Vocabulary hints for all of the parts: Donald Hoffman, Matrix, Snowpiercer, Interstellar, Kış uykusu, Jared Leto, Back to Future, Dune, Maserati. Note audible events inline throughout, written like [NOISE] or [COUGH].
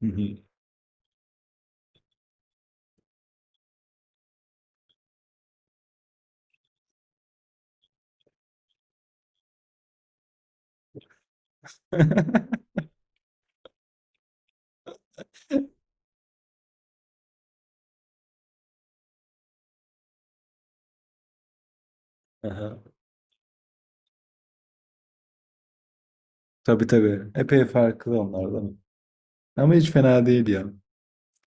Hı hı. [LAUGHS] Aha. Tabii tabii. Epey farklı onlardan. Ama hiç fena değil ya.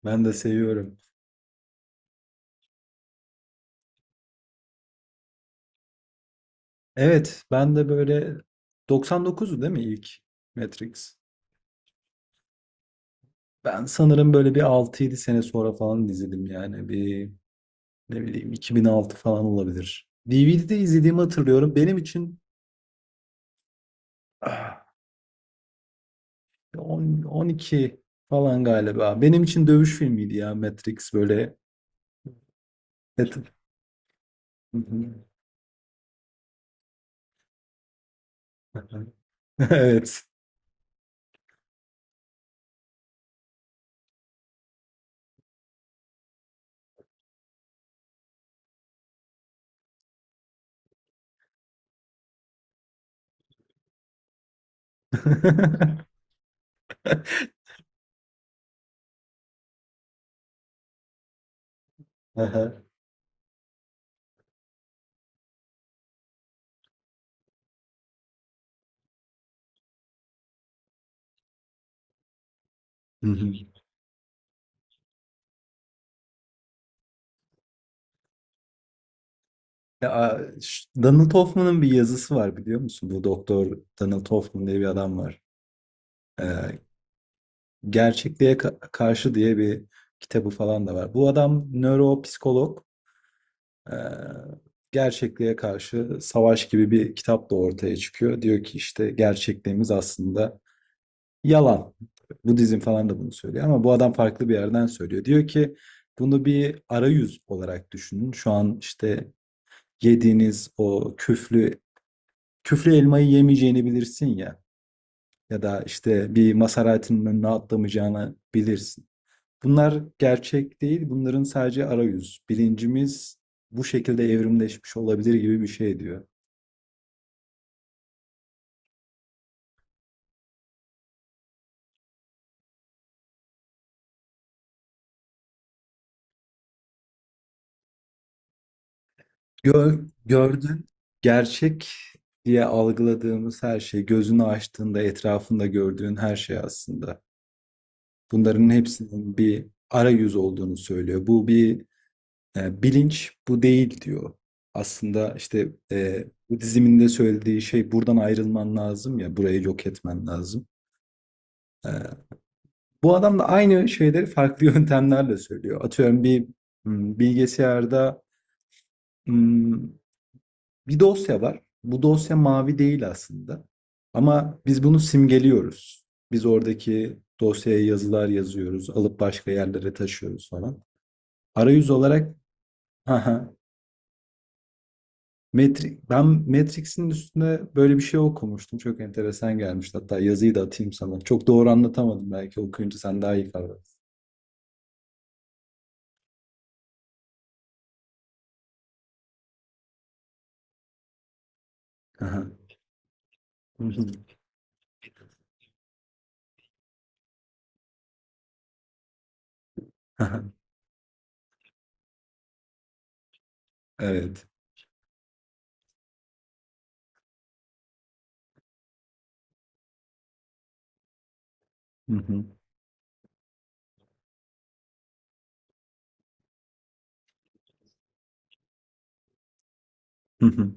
Ben de seviyorum. Evet, ben de böyle 99'u değil mi ilk Matrix? Ben sanırım böyle bir 6-7 sene sonra falan izledim yani. Bir ne bileyim 2006 falan olabilir. DVD'de izlediğimi hatırlıyorum. Benim için ah, 10, 12 falan galiba. Benim için dövüş filmiydi ya Matrix böyle. Evet. [LAUGHS] Evet. [LAUGHS] Hı hı. Hı hı. Ya, Donald Hoffman'ın bir yazısı var biliyor musun? Bu doktor Donald Hoffman diye bir adam var. Ee, Gerçekliğe Karşı diye bir kitabı falan da var. Bu adam nöropsikolog. Ee, gerçekliğe karşı savaş gibi bir kitap da ortaya çıkıyor. Diyor ki işte gerçekliğimiz aslında yalan. Budizm falan da bunu söylüyor ama bu adam farklı bir yerden söylüyor. Diyor ki bunu bir arayüz olarak düşünün. Şu an işte yediğiniz o küflü küflü elmayı yemeyeceğini bilirsin ya ya da işte bir Maserati'nin önüne atlamayacağını bilirsin. Bunlar gerçek değil. Bunların sadece arayüz. Bilincimiz bu şekilde evrimleşmiş olabilir gibi bir şey diyor. Gör, gördün. Gerçek diye algıladığımız her şey, gözünü açtığında etrafında gördüğün her şey aslında. Bunların hepsinin bir arayüz olduğunu söylüyor. Bu bir bilinç, bu değil diyor. Aslında işte bu diziminde söylediği şey buradan ayrılman lazım ya, burayı yok etmen lazım. E, bu adam da aynı şeyleri farklı [LAUGHS] yöntemlerle söylüyor. Atıyorum bir bilgisayarda m, bir dosya var. Bu dosya mavi değil aslında. Ama biz bunu simgeliyoruz. Biz oradaki dosyaya yazılar yazıyoruz, alıp başka yerlere taşıyoruz falan. Arayüz olarak [LAUGHS] haha, ben Matrix'in üstünde böyle bir şey okumuştum. Çok enteresan gelmişti. Hatta yazıyı da atayım sana. Çok doğru anlatamadım. Belki okuyunca sen daha iyi kavrarsın. Haha. Haha. Evet. Hı hı. Hı hı.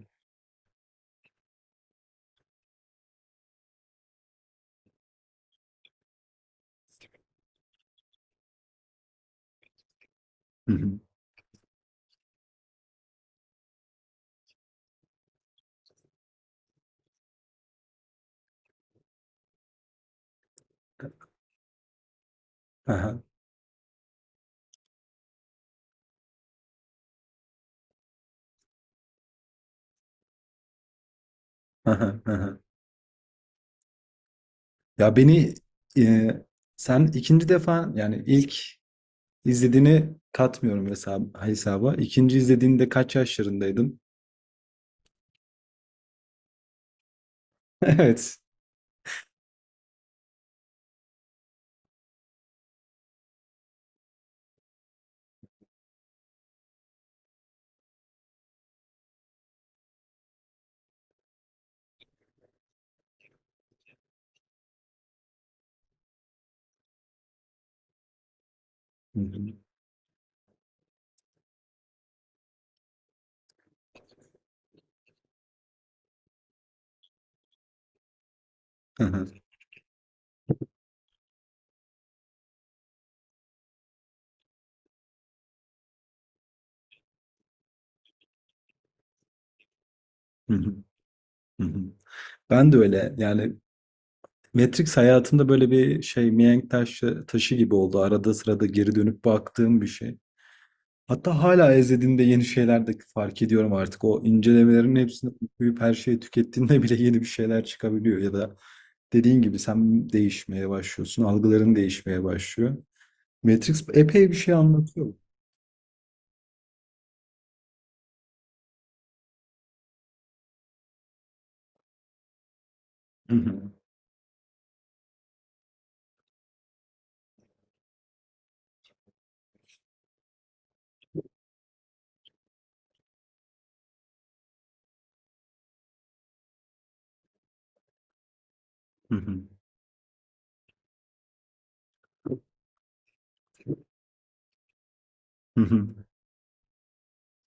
Hı hı. Aha, aha, aha. Ya beni e, sen ikinci defa yani ilk izlediğini katmıyorum hesaba. İkinci izlediğinde kaç yaşlarındaydın? [LAUGHS] Evet. Hı hı, aha, hı hı, hı hı. Ben de öyle yani Matrix hayatımda böyle bir şey mihenk taşı gibi oldu. Arada sırada geri dönüp baktığım bir şey. Hatta hala izlediğimde yeni şeyler de fark ediyorum artık. O incelemelerin hepsini okuyup her şeyi tükettiğinde [LAUGHS] bile yeni bir şeyler çıkabiliyor. Ya da dediğin gibi sen değişmeye başlıyorsun. Algıların değişmeye başlıyor. Matrix epey bir şey anlatıyor. Hı hı, hı hı, hı hı,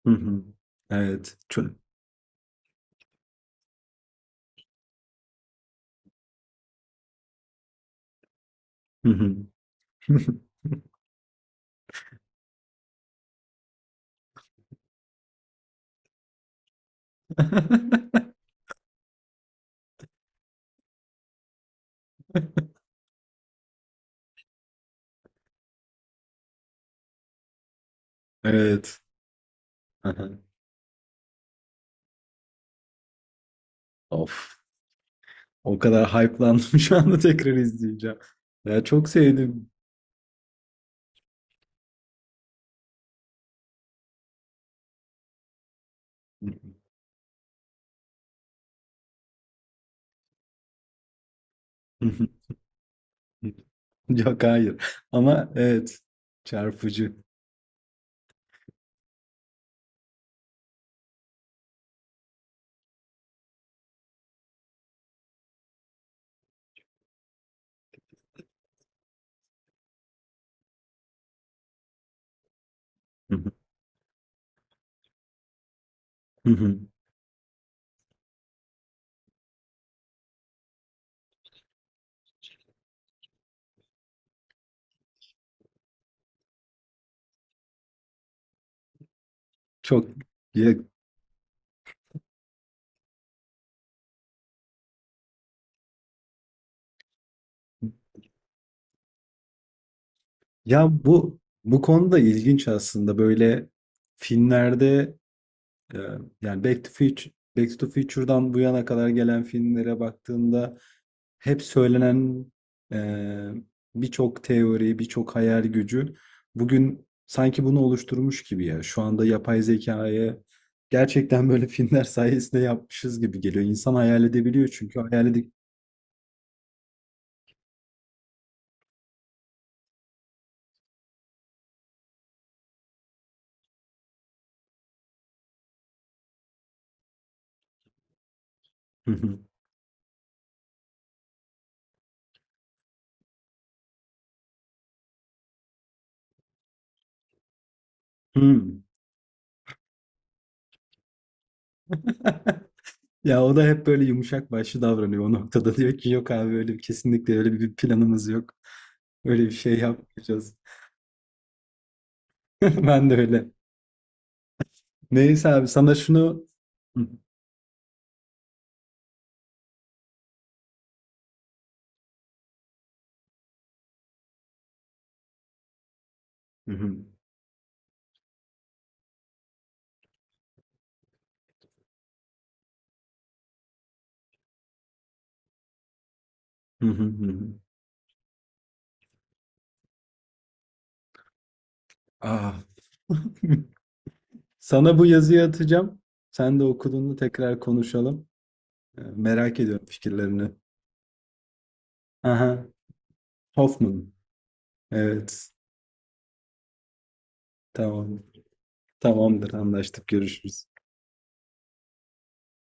hı hı. Evet. Hı hı. [LAUGHS] Evet. Aha. Of. O kadar hype'landım [LAUGHS] şu anda tekrar izleyeceğim. Ya çok sevdim. [LAUGHS] Yok hayır. Ama evet çarpıcı. [LAUGHS] Hı hı. Çok ya, ya, bu konuda ilginç aslında böyle filmlerde e, yani Back to Future'dan bu yana kadar gelen filmlere baktığında hep söylenen eee, birçok teori, birçok hayal gücü bugün sanki bunu oluşturmuş gibi ya. Şu anda yapay zekayı gerçekten [LAUGHS] böyle filmler sayesinde yapmışız gibi geliyor. İnsan hayal edebiliyor çünkü hayal edip... [LAUGHS] Hmm. Ya o da hep böyle yumuşak başlı davranıyor o noktada. Diyor ki yok abi öyle kesinlikle öyle bir planımız yok. Öyle bir şey yapmayacağız. [LAUGHS] Ben de öyle. Neyse abi sana şunu... Hı hı. Hı hı. Hı hı. Ah. [LAUGHS] Sana bu yazıyı atacağım. Sen de okuduğunda tekrar konuşalım. Merak ediyorum fikirlerini. Aha, Hoffman. Evet, tamam. Tamamdır, anlaştık. Görüşürüz.